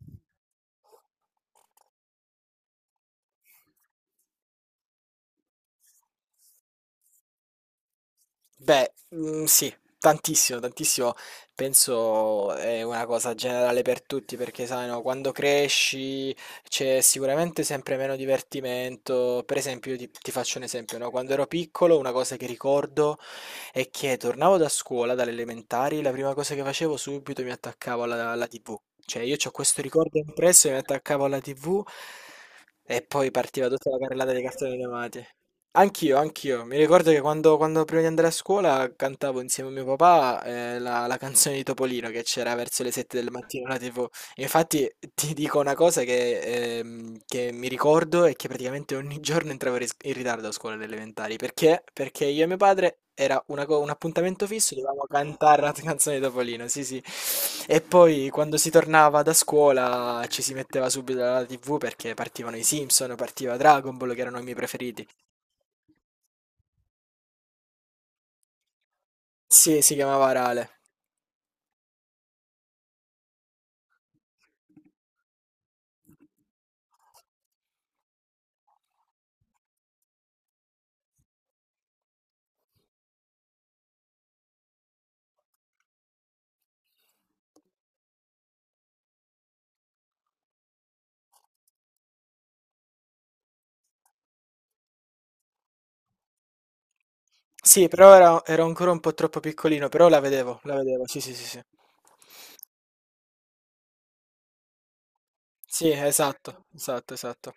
Mh. Beh, mhmm, sì, tantissimo, tantissimo. Penso è una cosa generale per tutti perché sai, no, quando cresci c'è sicuramente sempre meno divertimento. Per esempio, io ti faccio un esempio, no, quando ero piccolo una cosa che ricordo è che tornavo da scuola, dalle elementari, la prima cosa che facevo subito mi attaccavo alla TV. Cioè io c'ho questo ricordo impresso e mi attaccavo alla TV e poi partiva tutta la carrellata dei cartoni animati. Anch'io, anch'io. Mi ricordo che quando prima di andare a scuola cantavo insieme a mio papà la canzone di Topolino che c'era verso le 7 del mattino alla TV. Infatti ti dico una cosa che mi ricordo è che praticamente ogni giorno entravo in ritardo a scuola alle elementari. Perché? Perché io e mio padre era un appuntamento fisso, dovevamo cantare la canzone di Topolino, sì sì. E poi quando si tornava da scuola ci si metteva subito alla TV perché partivano i Simpson, partiva Dragon Ball che erano i miei preferiti. Sì, si chiamava Rale. Sì, però era ero ancora un po' troppo piccolino, però la vedevo, sì, sì, sì, sì. Sì, esatto, esatto, esatto.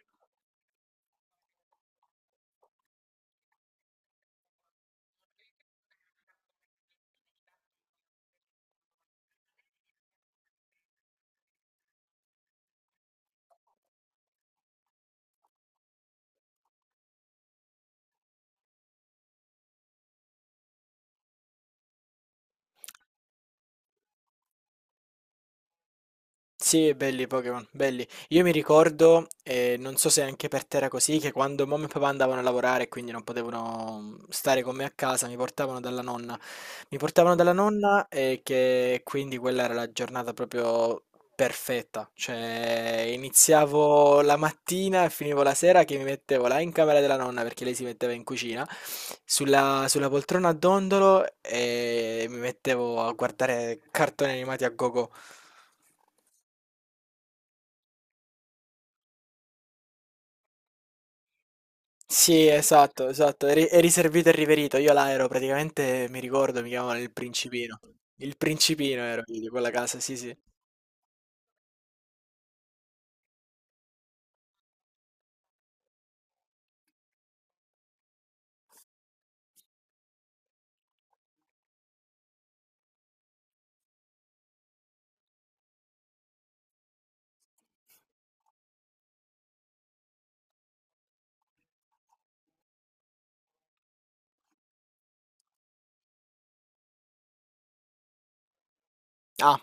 Sì, belli i Pokémon, belli. Io mi ricordo, non so se anche per te era così, che quando mamma e papà andavano a lavorare e quindi non potevano stare con me a casa, mi portavano dalla nonna. Mi portavano dalla nonna e che quindi quella era la giornata proprio perfetta. Cioè, iniziavo la mattina e finivo la sera che mi mettevo là in camera della nonna perché lei si metteva in cucina, sulla poltrona a dondolo e mi mettevo a guardare cartoni animati a gogo. Sì, esatto, esatto, è riservito e riverito. Io là ero praticamente, mi ricordo, mi chiamavano il principino. Il principino ero io di quella casa, sì, sì. Ah,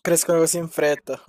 crescono così in fretta.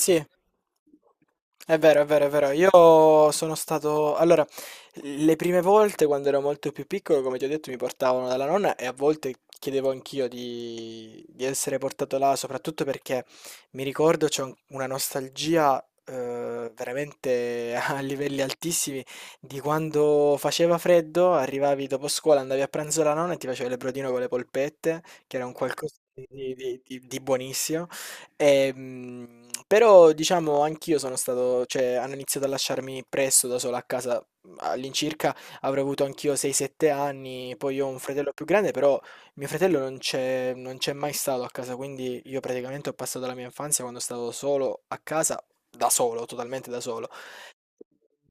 Sì. È vero, è vero, è vero. Io sono stato. Allora, le prime volte quando ero molto più piccolo, come ti ho detto, mi portavano dalla nonna e a volte chiedevo anch'io di essere portato là, soprattutto perché mi ricordo c'è una nostalgia veramente a livelli altissimi di quando faceva freddo, arrivavi dopo scuola, andavi a pranzo alla nonna e ti facevi il brodino con le polpette, che era un qualcosa di buonissimo. Ehm, Però diciamo anch'io sono stato, cioè hanno iniziato a lasciarmi presto da solo a casa, all'incirca avrò avuto anch'io 6-7 anni, poi ho un fratello più grande, però mio fratello non c'è mai stato a casa, quindi io praticamente ho passato la mia infanzia quando stavo solo a casa, da solo, totalmente da solo.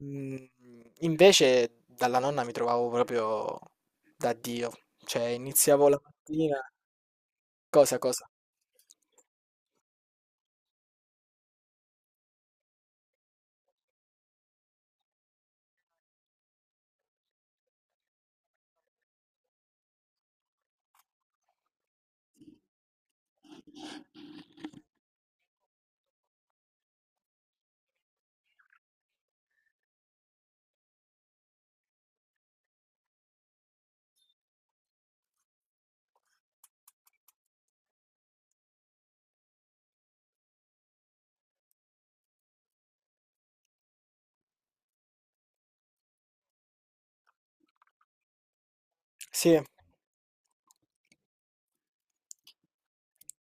Mm, Invece dalla nonna mi trovavo proprio da Dio, cioè iniziavo la mattina, cosa cosa? Sì.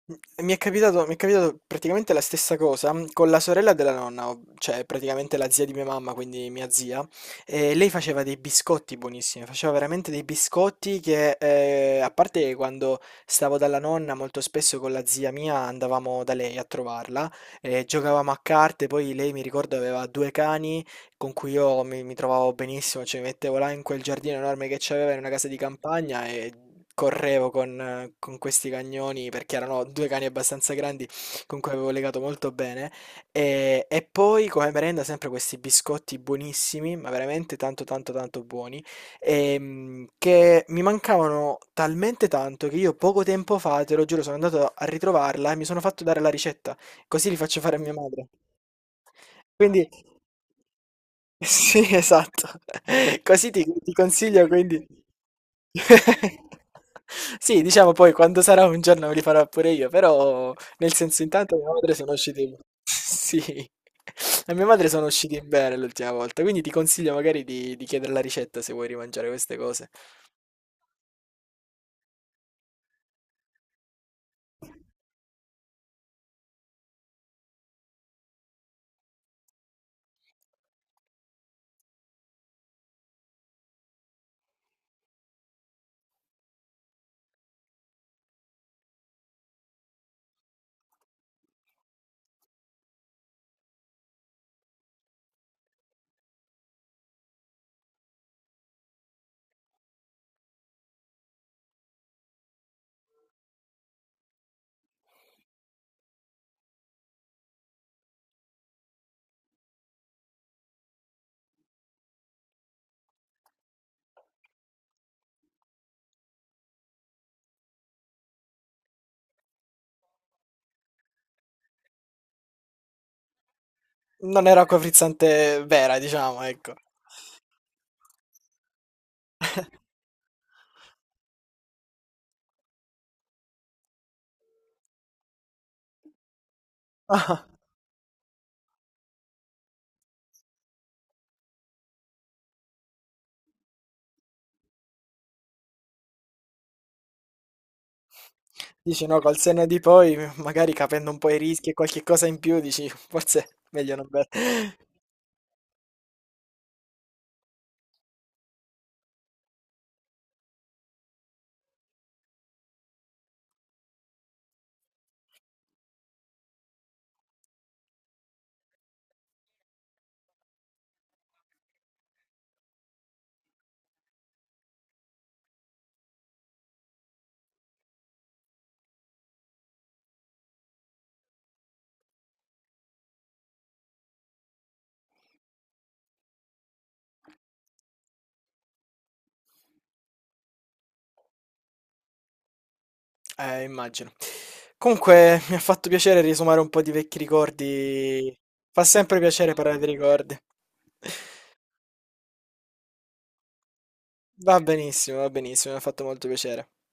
Mhmm, mi è capitato praticamente la stessa cosa con la sorella della nonna, cioè praticamente la zia di mia mamma, quindi mia zia. E lei faceva dei biscotti buonissimi, faceva veramente dei biscotti che, a parte che quando stavo dalla nonna, molto spesso con la zia mia andavamo da lei a trovarla, e giocavamo a carte, poi lei mi ricordo aveva due cani con cui io mi trovavo benissimo, cioè mi mettevo là in quel giardino enorme che c'aveva in una casa di campagna e correvo con questi cagnoni perché erano due cani abbastanza grandi con cui avevo legato molto bene. E poi come merenda sempre questi biscotti buonissimi, ma veramente tanto tanto tanto buoni, che mi mancavano talmente tanto che io poco tempo fa, te lo giuro, sono andato a ritrovarla e mi sono fatto dare la ricetta, così li faccio fare a mia madre. Quindi sì, esatto. Così ti consiglio quindi. Sì, diciamo poi quando sarà un giorno li farò pure io, però nel senso intanto mia madre sono usciti. Sì, a mia madre sono usciti bene l'ultima volta, quindi ti consiglio magari di chiedere la ricetta se vuoi rimangiare queste cose. Non era acqua frizzante vera, diciamo, ecco. Ah, dici no, col senno di poi, magari capendo un po' i rischi e qualche cosa in più, dici forse meglio non bere. Immagino. Comunque, mi ha fatto piacere riesumare un po' di vecchi ricordi. Fa sempre piacere parlare di ricordi. Va benissimo, mi ha fatto molto piacere.